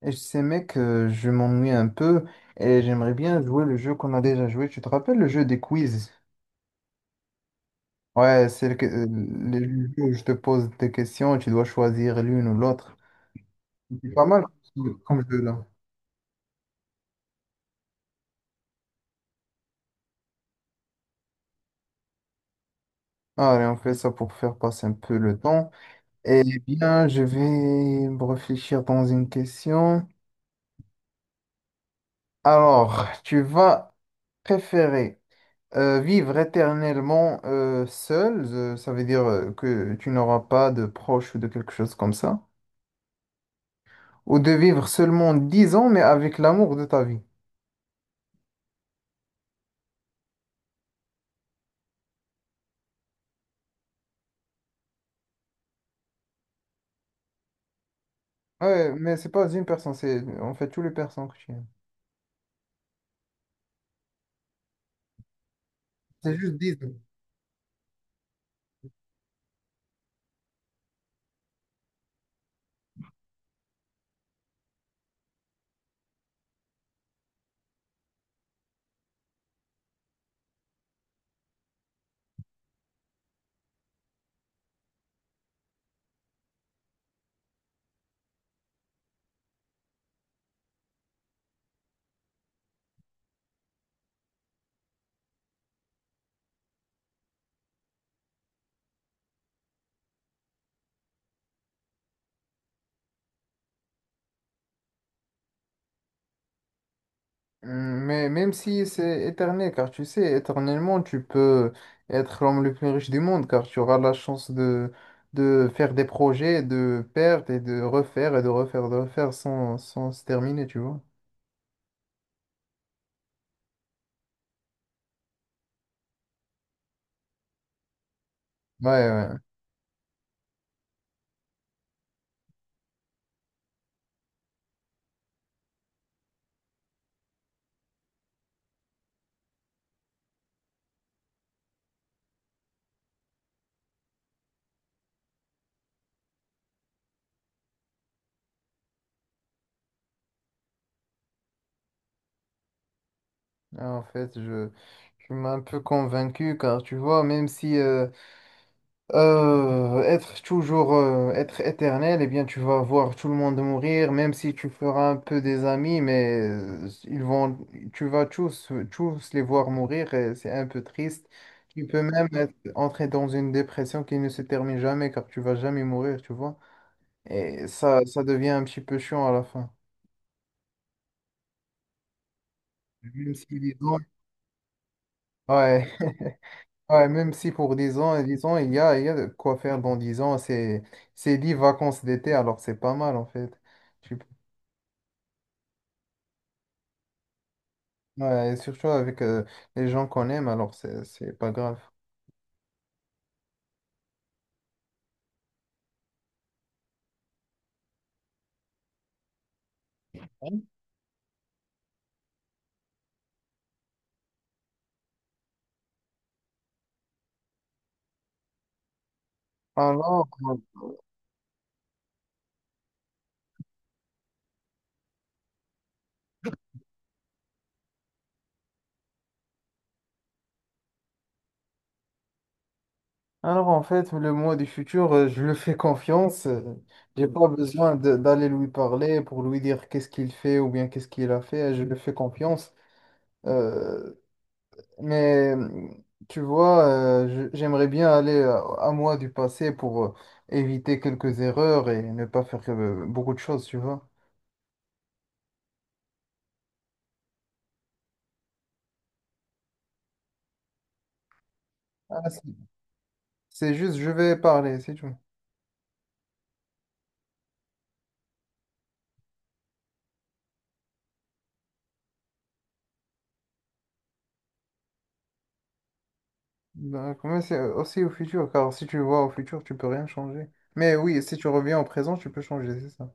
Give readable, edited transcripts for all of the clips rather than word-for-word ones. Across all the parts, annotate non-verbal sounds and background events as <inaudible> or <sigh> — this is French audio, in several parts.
Et je sais, mec, je m'ennuie un peu et j'aimerais bien jouer le jeu qu'on a déjà joué. Tu te rappelles le jeu des quiz? Ouais, c'est le, le jeu où je te pose des questions et tu dois choisir l'une ou l'autre. C'est pas mal comme jeu là. Allez, on fait ça pour faire passer un peu le temps. Eh bien, je vais me réfléchir dans une question. Alors, tu vas préférer vivre éternellement seul, ça veut dire que tu n'auras pas de proches ou de quelque chose comme ça. Ou de vivre seulement 10 ans, mais avec l'amour de ta vie. Ouais, mais c'est pas une personne, c'est en fait tous les personnes que tu aimes. C'est juste 10 ans. Mais même si c'est éternel, car tu sais, éternellement, tu peux être l'homme le plus riche du monde, car tu auras la chance de faire des projets, de perdre et de refaire sans se terminer, tu vois. Ouais, ouais. Ah, En fait, tu m'as un peu convaincu, car tu vois, même si être toujours, être éternel, eh bien, tu vas voir tout le monde mourir, même si tu feras un peu des amis, mais ils vont, tu vas tous les voir mourir et c'est un peu triste. Tu peux même entrer dans une dépression qui ne se termine jamais car tu vas jamais mourir, tu vois. Et ça devient un petit peu chiant à la fin. Même si, disons, ouais. <laughs> Ouais, même si pour 10 ans, 10 ans, il y a de quoi faire dans 10 ans, c'est 10 vacances d'été, alors c'est pas mal en fait. Tu- ouais, et surtout avec les gens qu'on aime, alors c'est pas grave. Alors, euh, alors, en fait, le moi du futur, je lui fais confiance. J'ai pas besoin d'aller lui parler pour lui dire qu'est-ce qu'il fait ou bien qu'est-ce qu'il a fait. Je lui fais confiance. Euh, Mais tu vois, j'aimerais bien aller à, moi du passé pour éviter quelques erreurs et ne pas faire beaucoup de choses, tu vois. Ah, c'est juste, je vais parler, c'est tout. Donc, mais c'est aussi au futur, car si tu vois au futur, tu peux rien changer. Mais oui, si tu reviens au présent, tu peux changer, c'est ça.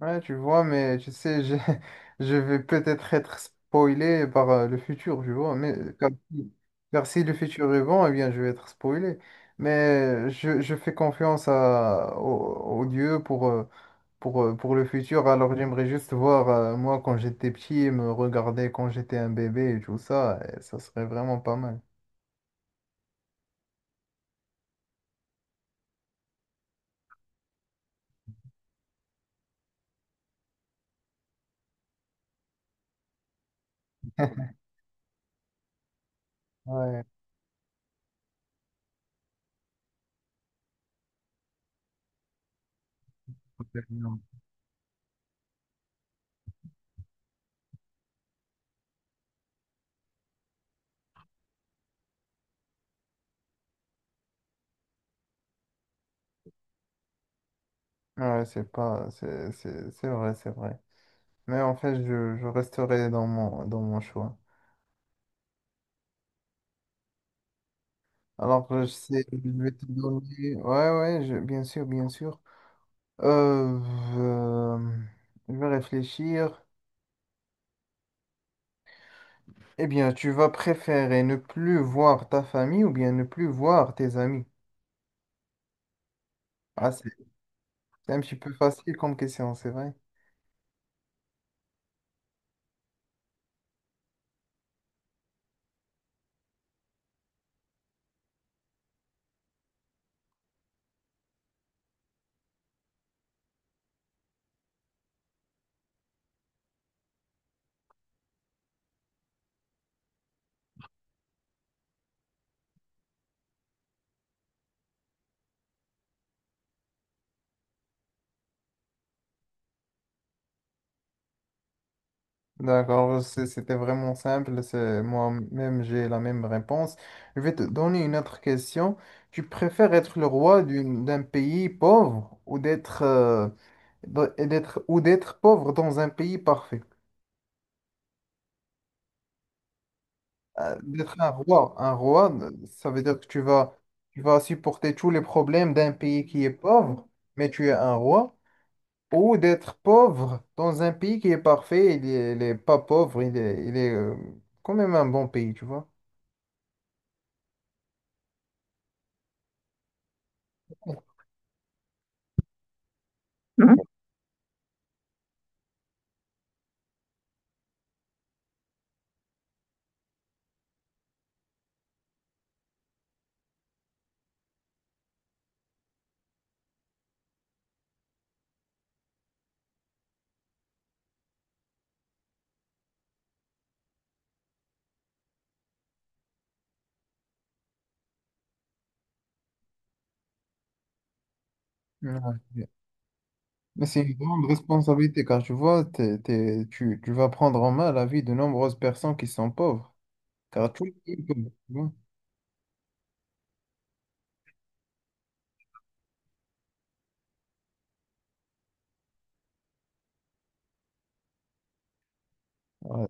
Ouais, tu vois, mais tu sais, je, <laughs> je vais peut-être être spoilé par le futur, tu vois, mais car si le futur est bon, eh bien, je vais être spoilé. Mais je fais confiance au Dieu pour le futur, alors j'aimerais juste voir, moi, quand j'étais petit, me regarder quand j'étais un bébé et tout ça, et ça serait vraiment pas mal. <laughs> Ouais, complètement. Ouais, c'est pas, c'est vrai, c'est vrai. Mais en fait, je resterai dans mon choix. Alors, je sais, je vais te donner. Ouais, ouais, bien sûr, bien sûr. Euh, euh, je vais réfléchir. Eh bien, tu vas préférer ne plus voir ta famille ou bien ne plus voir tes amis? Ah, c'est un petit peu facile comme question, c'est vrai. D'accord, ouais, c'était vraiment simple. Moi-même, j'ai la même réponse. Je vais te donner une autre question. Tu préfères être le roi d'un pays pauvre ou d'être d- et d'être ou d'être pauvre dans un pays parfait? D'être un roi, ça veut dire que tu vas supporter tous les problèmes d'un pays qui est pauvre, mais tu es un roi. Ou d'être pauvre dans un pays qui est parfait, il est pas pauvre, il est quand même un bon pays, tu vois? Ouais. OK. Mais c'est une grande responsabilité car tu vois, tu vas prendre en main la vie de nombreuses personnes qui sont pauvres. Car tout le monde est pauvre, tu vois. Ouais,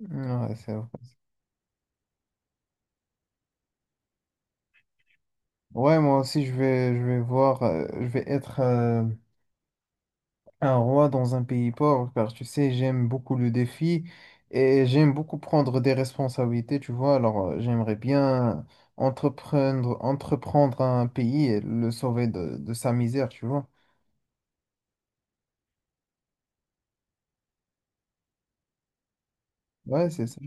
ouais, c'est vrai. Ouais, moi aussi, je vais voir, je vais être un roi dans un pays pauvre car tu sais, j'aime beaucoup le défi et j'aime beaucoup prendre des responsabilités, tu vois. Alors, j'aimerais bien entreprendre un pays et le sauver de sa misère, tu vois. Ouais, c'est ça.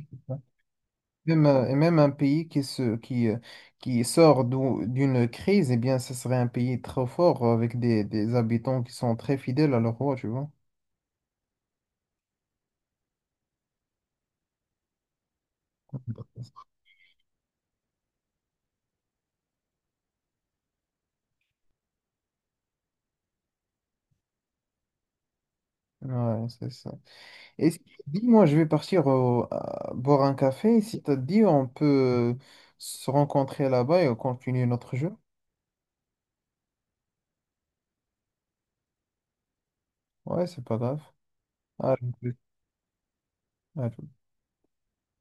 Même un pays qui sort d'une crise, eh bien, ce serait un pays très fort avec des habitants qui sont très fidèles à leur roi, tu vois. Ouais, c'est ça. Et si- Dis-moi, je vais partir boire un café. Si t'as dit, on peut se rencontrer là-bas et continuer notre jeu. Ouais, c'est pas grave. À- à-